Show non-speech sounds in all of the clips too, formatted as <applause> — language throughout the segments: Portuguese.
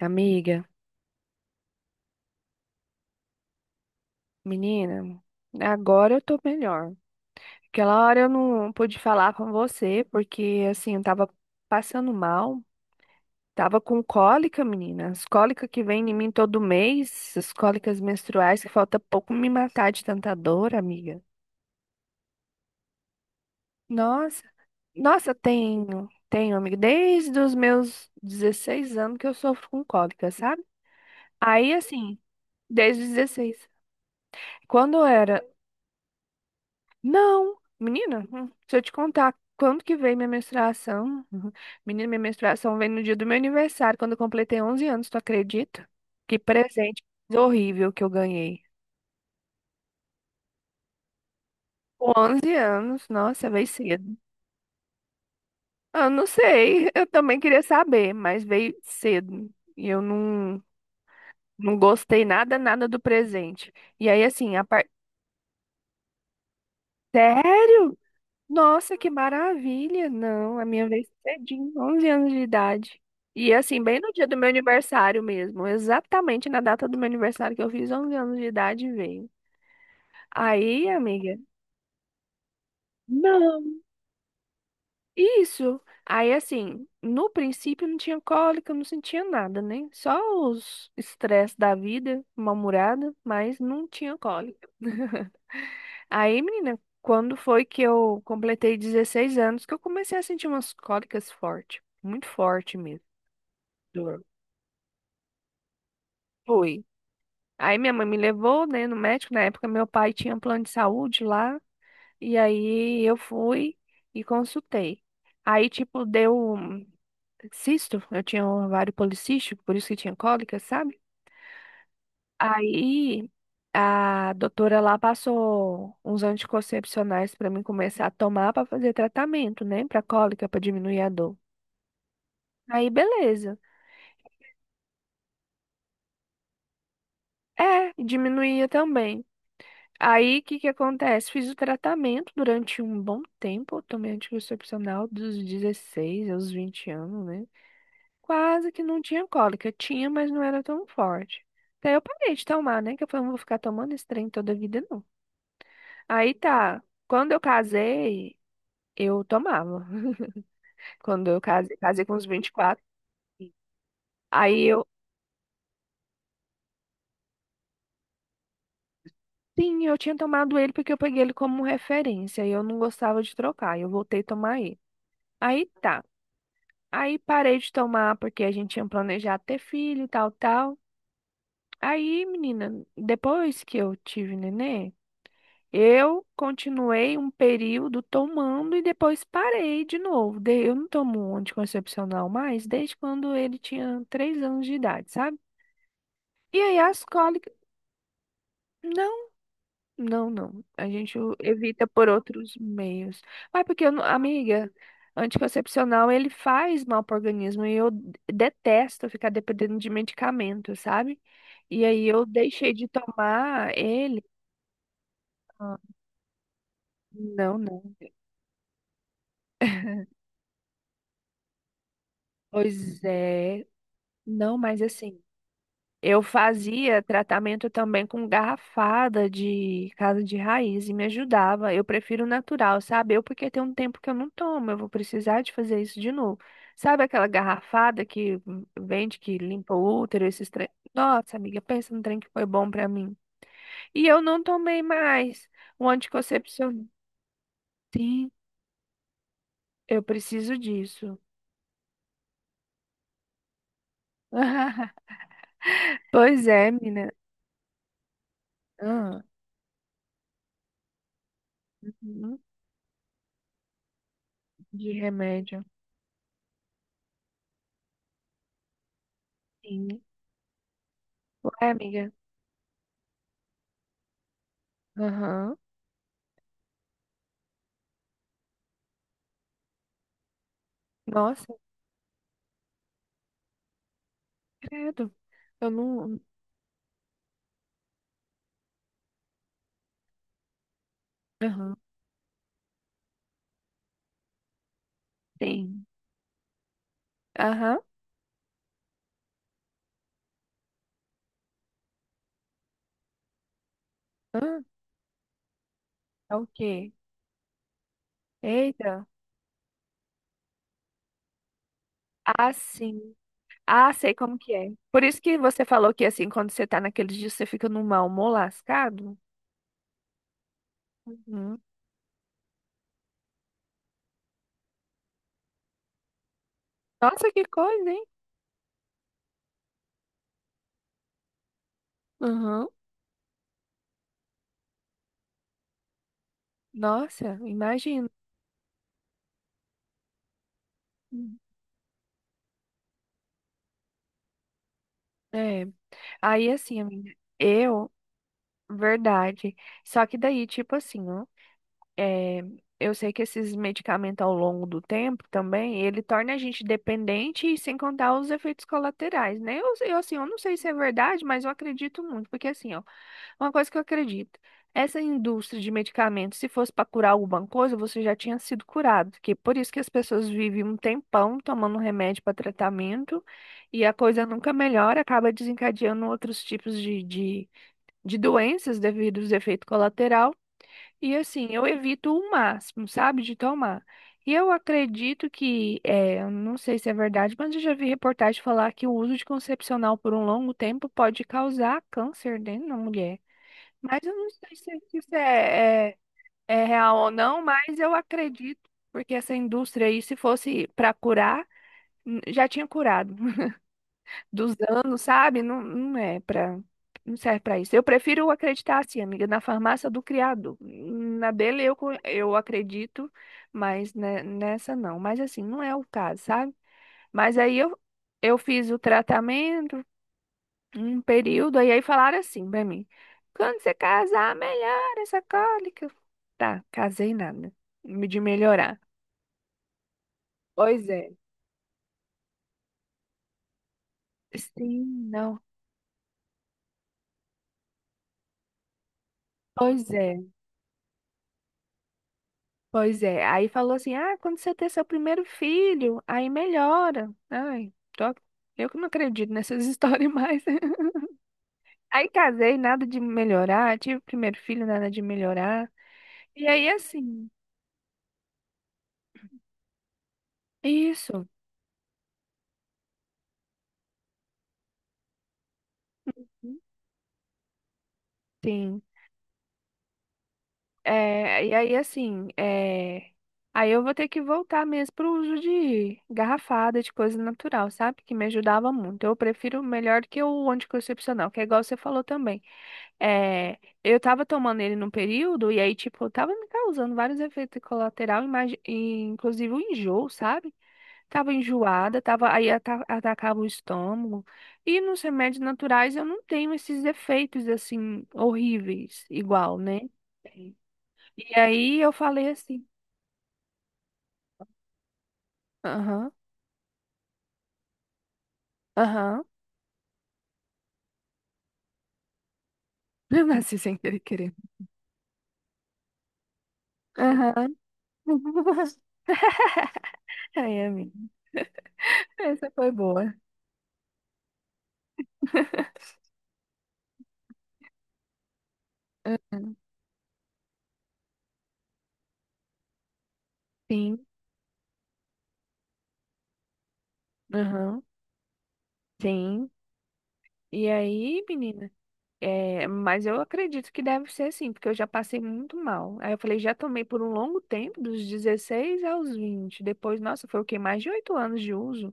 Amiga, menina, agora eu tô melhor. Aquela hora eu não pude falar com você, porque assim, eu tava passando mal, tava com cólica, menina. As cólicas que vem em mim todo mês, as cólicas menstruais, que falta pouco me matar de tanta dor, amiga. Nossa, nossa, tenho, tenho, amiga, desde os meus 16 anos que eu sofro com cólica, sabe? Aí, assim, desde os 16. Quando eu era. Não, menina, se eu te contar quando que veio minha menstruação, uhum. Menina, minha menstruação veio no dia do meu aniversário, quando eu completei 11 anos, tu acredita? Que presente horrível que eu ganhei. Com 11 anos, nossa, veio cedo. Eu não sei, eu também queria saber, mas veio cedo. E eu não, não gostei nada, nada do presente. E aí, assim, a parte. Sério? Nossa, que maravilha! Não, a minha vez cedinho, 11 anos de idade. E assim, bem no dia do meu aniversário mesmo, exatamente na data do meu aniversário que eu fiz 11 anos de idade veio. Aí, amiga, não, isso. Aí assim, no princípio não tinha cólica, não sentia nada, né? Só os estresse da vida, uma murada, mas não tinha cólica. <laughs> Aí, menina, quando foi que eu completei 16 anos que eu comecei a sentir umas cólicas fortes, muito forte mesmo. Dor. Foi. Aí minha mãe me levou, né, no médico. Na época meu pai tinha um plano de saúde lá, e aí eu fui e consultei. Aí, tipo, deu um cisto, eu tinha um ovário policístico, por isso que tinha cólica, sabe? Aí a doutora lá passou uns anticoncepcionais pra mim começar a tomar pra fazer tratamento, né? Pra cólica, pra diminuir a dor. Aí beleza. É, diminuía também. Aí o que que acontece? Fiz o tratamento durante um bom tempo, eu tomei anticoncepcional dos 16 aos 20 anos, né? Quase que não tinha cólica, tinha, mas não era tão forte. Daí eu parei de tomar, né? Que eu falei, não vou ficar tomando esse trem toda a vida, não. Aí tá. Quando eu casei, Eu tomava. Quando eu casei com uns 24. Aí eu, sim, eu tinha tomado ele porque eu peguei ele como referência e eu não gostava de trocar. E eu voltei a tomar ele. Aí tá. Aí parei de tomar porque a gente tinha planejado ter filho, tal, tal. Aí, menina, depois que eu tive nenê, eu continuei um período tomando e depois parei de novo. Eu não tomo anticoncepcional mais desde quando ele tinha 3 anos de idade, sabe? E aí as cólicas. Não. Não, não. A gente evita por outros meios. Mas porque, eu não- amiga, anticoncepcional ele faz mal para o organismo e eu detesto ficar dependendo de medicamento, sabe? E aí eu deixei de tomar ele. Ah. Não, não. Pois é. Não, mas assim. Eu fazia tratamento também com garrafada de casa de raiz e me ajudava. Eu prefiro natural, sabe? Eu porque tem um tempo que eu não tomo, eu vou precisar de fazer isso de novo. Sabe aquela garrafada que vende, que limpa o útero, esses trem? Nossa, amiga, pensa num trem que foi bom pra mim. E eu não tomei mais o anticoncepcional. Sim, eu preciso disso. <laughs> Pois é, menina. Ah, uhum, de remédio. Sim. Ué, amiga. Aham. Nossa, credo. Eu não. Aham, tem. Aham. Hã? É o quê? Eita. Ah, sim. Ah, sei como que é. Por isso que você falou que assim, quando você tá naqueles dias, você fica num mau humor lascado. Uhum. Nossa, que coisa, hein? Uhum. Nossa, imagino. Uhum. É. Aí assim, amiga, eu, verdade. Só que daí, tipo assim, ó. É, eu sei que esses medicamentos ao longo do tempo também, ele torna a gente dependente e sem contar os efeitos colaterais, né? Eu, assim, eu não sei se é verdade, mas eu acredito muito, porque assim, ó, uma coisa que eu acredito, essa indústria de medicamentos, se fosse para curar alguma coisa, você já tinha sido curado, que por isso que as pessoas vivem um tempão tomando remédio para tratamento e a coisa nunca melhora, acaba desencadeando outros tipos de doenças devido aos efeitos colaterais. E assim, eu evito o máximo, sabe, de tomar. E eu acredito que, eu não sei se é verdade, mas eu já vi reportagem falar que o uso de concepcional por um longo tempo pode causar câncer dentro da mulher. Mas eu não sei se isso é real ou não, mas eu acredito, porque essa indústria aí, se fosse para curar, já tinha curado dos anos, sabe? Não, não é para, não serve para isso. Eu prefiro acreditar assim, amiga, na farmácia do criado. Na dele eu, eu acredito, mas nessa não. Mas assim, não é o caso, sabe? Mas aí eu fiz o tratamento, um período, e aí falaram assim pra mim: quando você casar, melhora essa cólica. Tá, casei nada, de melhorar. Pois é. Sim, não. Pois é. Pois é, aí falou assim, ah, quando você ter seu primeiro filho, aí melhora. Ai, eu que não acredito nessas <laughs> histórias mais. Aí casei, nada de melhorar, tive primeiro filho, nada de melhorar. E aí assim, isso, sim. É, e aí assim, aí eu vou ter que voltar mesmo pro uso de garrafada, de coisa natural, sabe? Que me ajudava muito. Eu prefiro melhor do que o anticoncepcional, que é igual você falou também. É, eu tava tomando ele num período e aí, tipo, tava me causando vários efeitos colaterais, inclusive o enjoo, sabe? Tava enjoada, tava, aí atacava o estômago. E nos remédios naturais eu não tenho esses efeitos, assim, horríveis, igual, né? Sim. E aí eu falei assim, aham, aham, <laughs> eu nasci sem querer, querer. Aham. <laughs> Ai, amiga, essa foi boa. <laughs> Aham. Sim, aham, sim. E aí, menina, mas eu acredito que deve ser assim, porque eu já passei muito mal. Aí eu falei, já tomei por um longo tempo, dos 16 aos 20. Depois, nossa, foi o quê? Mais de 8 anos de uso.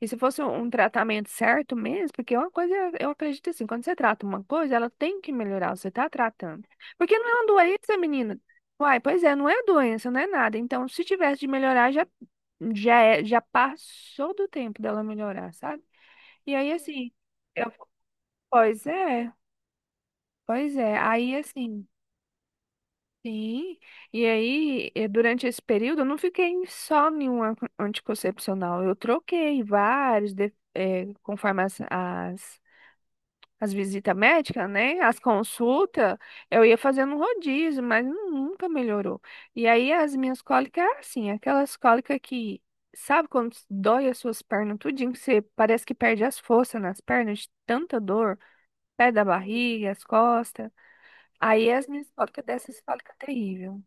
E se fosse um tratamento certo mesmo, porque é uma coisa, eu acredito assim, quando você trata uma coisa, ela tem que melhorar, você tá tratando. Porque não é uma doença, menina. Uai, pois é, não é doença, não é nada. Então, se tivesse de melhorar, já passou do tempo dela melhorar, sabe? E aí, assim. Pois é, pois é. Aí assim, sim. E aí, durante esse período, eu não fiquei só em um anticoncepcional. Eu troquei vários, conforme as visitas médicas, né? As consultas, eu ia fazendo um rodízio, mas nunca melhorou. E aí, as minhas cólicas, era assim, aquelas cólicas que, sabe quando dói as suas pernas tudinho, que você parece que perde as forças nas pernas de tanta dor, pé da barriga, as costas. A Yasmin Histórica dessa Histórica Terrível.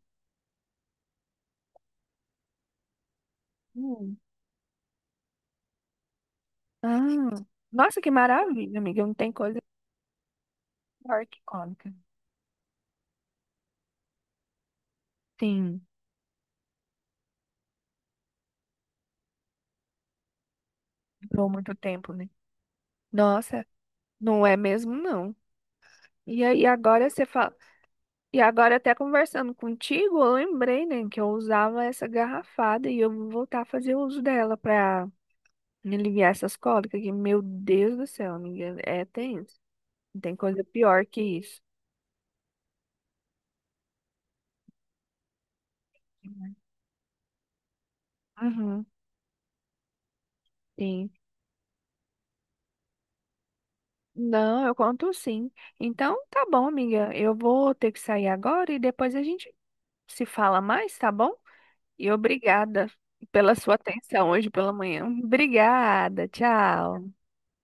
Hum. Ah. Nossa, que maravilha, amiga. Não tem coisa pior que cômica. Sim, durou muito tempo, né? Nossa, não é mesmo, não. E aí agora você fala. E agora até conversando contigo, eu lembrei, né, que eu usava essa garrafada e eu vou voltar a fazer uso dela pra me aliviar essas cólicas, que, meu Deus do céu, amiga, é tenso. Não tem coisa pior que isso. Uhum, sim. Não, eu conto sim. Então, tá bom, amiga. Eu vou ter que sair agora e depois a gente se fala mais, tá bom? E obrigada pela sua atenção hoje pela manhã. Obrigada, tchau.